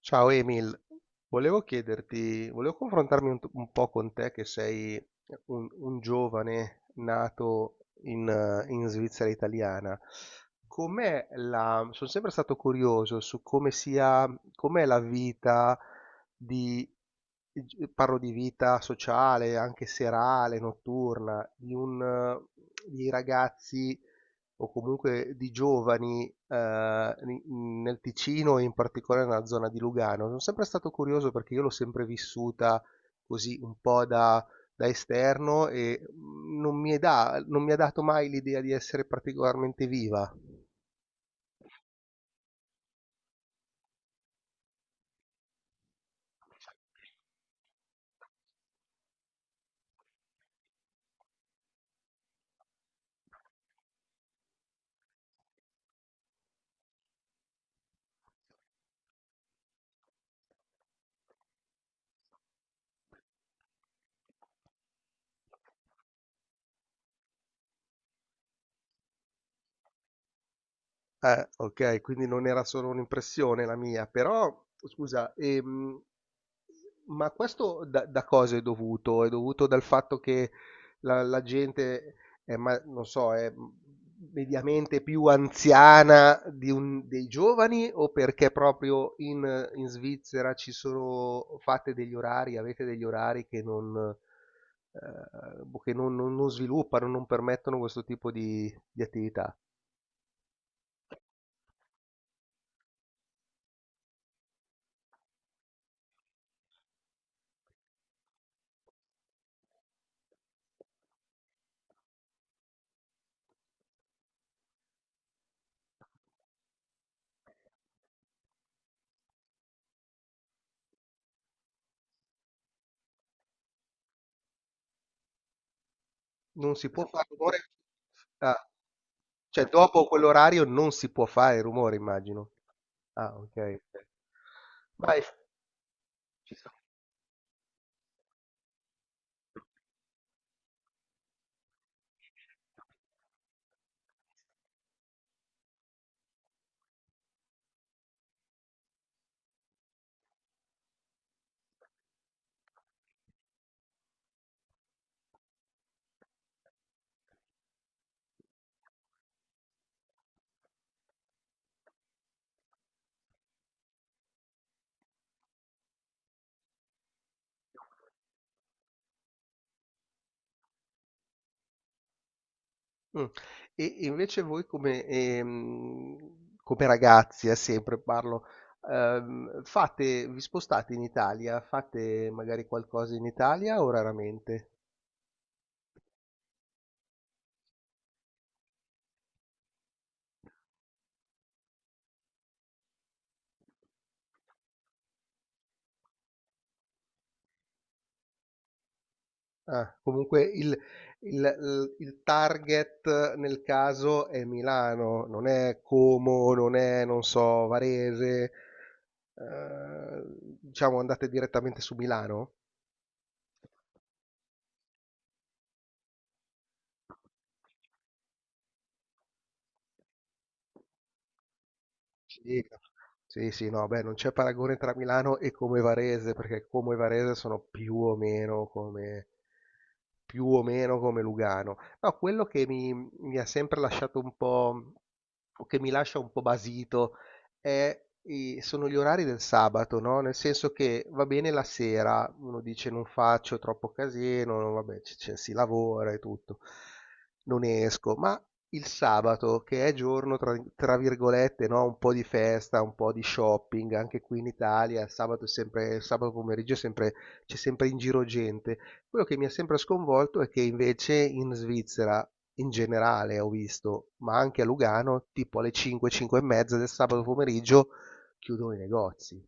Ciao Emil, volevo chiederti, volevo confrontarmi un po' con te che sei un giovane nato in Svizzera italiana. Sono sempre stato curioso su come sia, com'è la vita di, parlo di vita sociale, anche serale, notturna, di ragazzi o comunque di giovani nel Ticino e in particolare nella zona di Lugano. Sono sempre stato curioso perché io l'ho sempre vissuta così un po' da esterno e non mi è non mi ha dato mai l'idea di essere particolarmente viva. Okay, quindi non era solo un'impressione la mia, però scusa, ma questo da cosa è dovuto? È dovuto dal fatto che la gente è, ma non so, è, mediamente più anziana di un dei giovani, o perché proprio in Svizzera ci sono, fate degli orari, avete degli orari che non boh, che non sviluppano, non permettono questo tipo di attività? Non si può far rumore? Ah, cioè dopo quell'orario non si può fare rumore, immagino. Ah, ok. Ok. Vai. Ci sta. Mm. E invece voi come ragazzi, sempre parlo, vi spostate in Italia, fate magari qualcosa in Italia o raramente? Ah, comunque il target nel caso è Milano, non è Como, non è, non so, Varese, ehm, diciamo andate direttamente su Milano? Sì, sì, sì, no, beh, non c'è paragone tra Milano e Como e Varese, perché Como e Varese sono più o meno come Lugano. No, quello che mi ha sempre lasciato un po', o che mi lascia un po' basito, è sono gli orari del sabato, no? Nel senso che va bene la sera, uno dice non faccio troppo casino, vabbè, si lavora e tutto, non esco, ma il sabato, che è giorno tra virgolette, no? Un po' di festa, un po' di shopping, anche qui in Italia, il sabato, il sabato pomeriggio c'è sempre in giro gente. Quello che mi ha sempre sconvolto è che invece in Svizzera, in generale ho visto, ma anche a Lugano, tipo alle 5, 5 e mezza del sabato pomeriggio chiudono i negozi.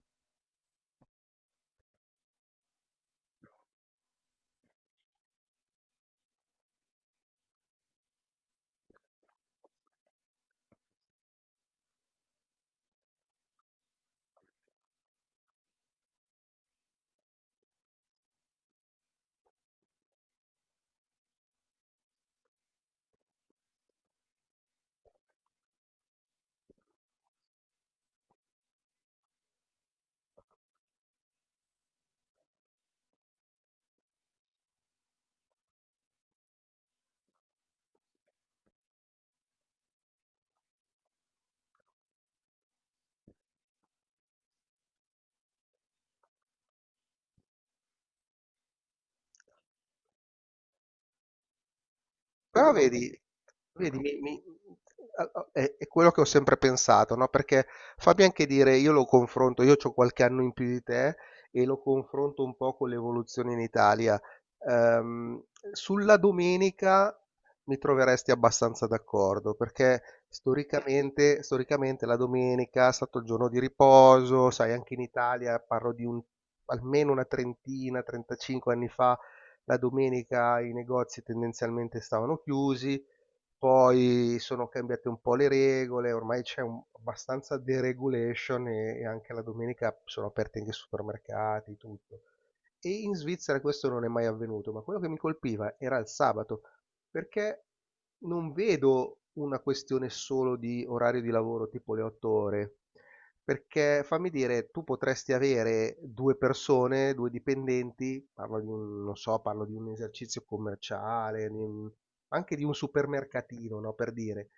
Però vedi, vedi, è quello che ho sempre pensato, no? Perché fammi anche dire, io lo confronto, io ho qualche anno in più di te e lo confronto un po' con l'evoluzione in Italia. Ehm, Sulla domenica mi troveresti abbastanza d'accordo, perché storicamente, storicamente la domenica è stato il giorno di riposo, sai, anche in Italia parlo di un, almeno una trentina, 35 anni fa la domenica i negozi tendenzialmente stavano chiusi, poi sono cambiate un po' le regole, ormai c'è abbastanza deregulation e anche la domenica sono aperti anche i supermercati, tutto. E in Svizzera questo non è mai avvenuto, ma quello che mi colpiva era il sabato, perché non vedo una questione solo di orario di lavoro tipo le 8 ore, perché fammi dire, tu potresti avere due persone, due dipendenti, parlo di un, non so, parlo di un esercizio commerciale, anche di un supermercatino, no, per dire.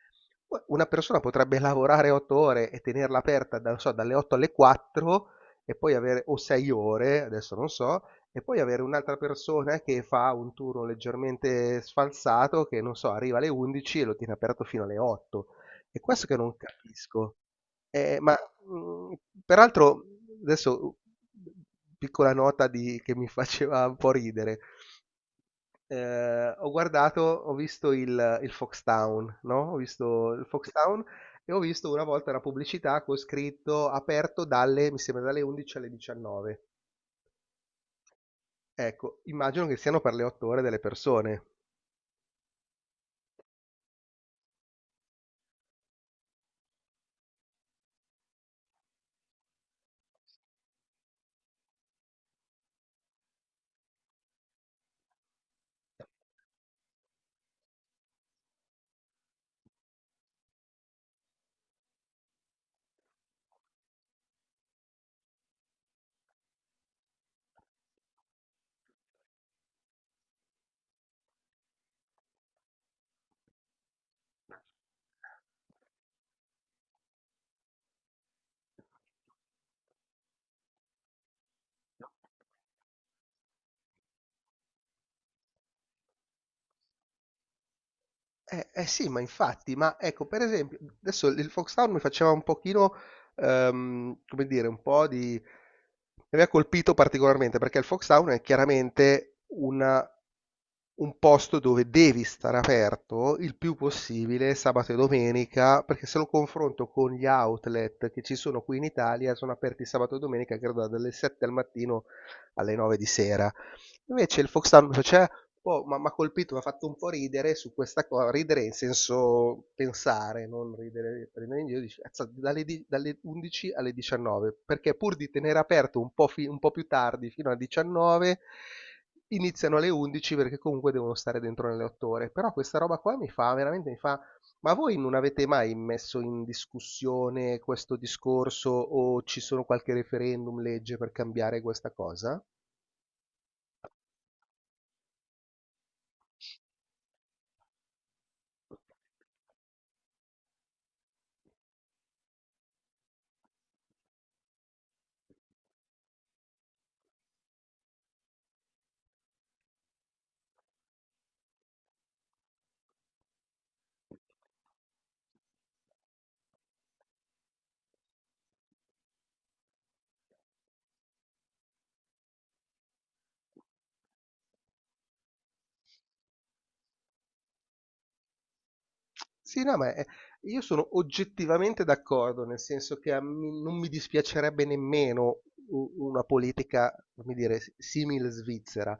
Una persona potrebbe lavorare 8 ore e tenerla aperta, non so, dalle 8 alle 4 e poi avere, o 6 ore, adesso non so, e poi avere un'altra persona che fa un turno leggermente sfalsato, che non so, arriva alle 11 e lo tiene aperto fino alle 8. È questo che non capisco. Ma mh, peraltro, adesso piccola nota che mi faceva un po' ridere. Ho guardato, ho visto il Foxtown, no? Ho visto il Foxtown e ho visto una volta una pubblicità con scritto aperto dalle, mi sembra, dalle 11 alle 19. Ecco, immagino che siano per le 8 ore delle persone. Eh sì, ma infatti, ma ecco, per esempio, adesso il Foxhound mi faceva un pochino, come dire, mi aveva colpito particolarmente perché il Foxhound è chiaramente un posto dove devi stare aperto il più possibile sabato e domenica, perché se lo confronto con gli outlet che ci sono qui in Italia, sono aperti sabato e domenica, credo dalle 7 al mattino alle 9 di sera. Invece il Foxhound mi faceva, Po', m'ha colpito, m'ha fatto un po' ridere su questa co ridere in senso pensare, non ridere prendere in giro, dici: "Azzà, dalle 11 alle 19", perché pur di tenere aperto un po' più tardi fino alle 19, iniziano alle 11 perché comunque devono stare dentro nelle 8 ore. Però questa roba qua mi fa: "Ma voi non avete mai messo in discussione questo discorso o ci sono qualche referendum, legge per cambiare questa cosa?" Sì, no, ma, io sono oggettivamente d'accordo, nel senso che a mi non mi dispiacerebbe nemmeno u una politica, come dire, simil Svizzera,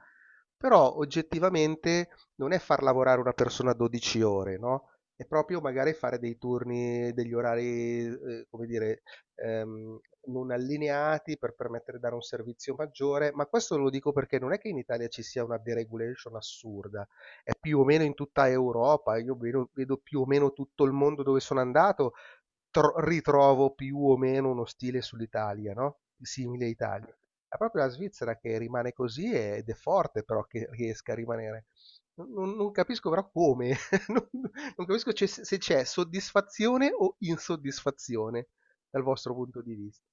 però oggettivamente non è far lavorare una persona 12 ore, no, è proprio magari fare dei turni, degli orari, come dire, ehm, non allineati per permettere di dare un servizio maggiore, ma questo lo dico perché non è che in Italia ci sia una deregulation assurda, è più o meno in tutta Europa. Io vedo, più o meno tutto il mondo dove sono andato, ritrovo più o meno uno stile sull'Italia, no? Simile a Italia. È proprio la Svizzera che rimane così ed è forte però che riesca a rimanere. Non capisco però come, non, non capisco se c'è soddisfazione o insoddisfazione dal vostro punto di vista.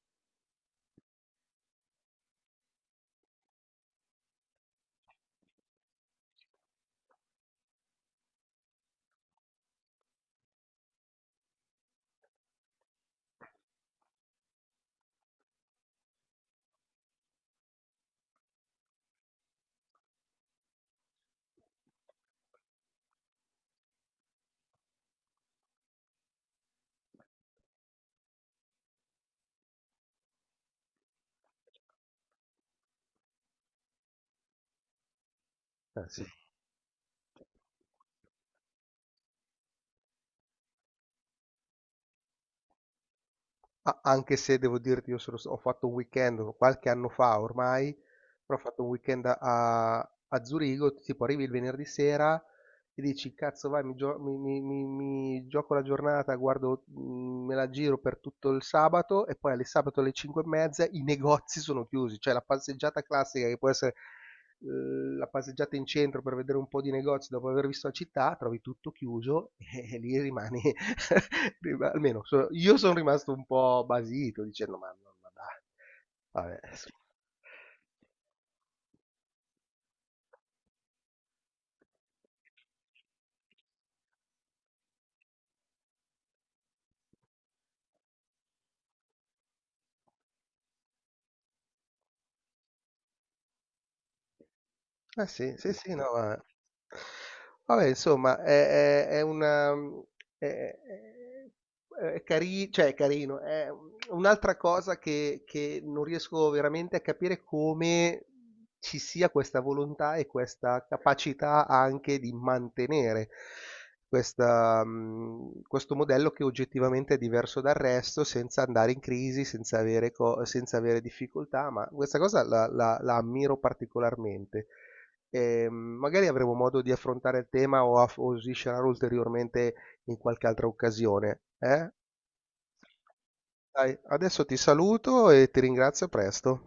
Eh sì. Anche se devo dirti, ho fatto un weekend qualche anno fa ormai, però ho fatto un weekend a Zurigo, tipo arrivi il venerdì sera e dici, cazzo vai, mi, gio- mi- mi- mi- mi gioco la giornata, guardo, me la giro per tutto il sabato e poi alle sabato alle 5 e mezza i negozi sono chiusi, cioè la passeggiata classica che può essere la passeggiata in centro per vedere un po' di negozi dopo aver visto la città, trovi tutto chiuso. E lì rimani. Almeno io sono rimasto un po' basito dicendo ma, dai, vabbè, insomma. Eh sì, sì, sì, no, ma. Vabbè, insomma, È, cioè, è carino, è un'altra cosa che non riesco veramente a capire come ci sia questa volontà e questa capacità anche di mantenere questa, questo modello che oggettivamente è diverso dal resto, senza andare in crisi, senza avere difficoltà, ma questa cosa la ammiro particolarmente e magari avremo modo di affrontare il tema o, o sviscerare ulteriormente in qualche altra occasione. Eh? Dai, adesso ti saluto e ti ringrazio, a presto.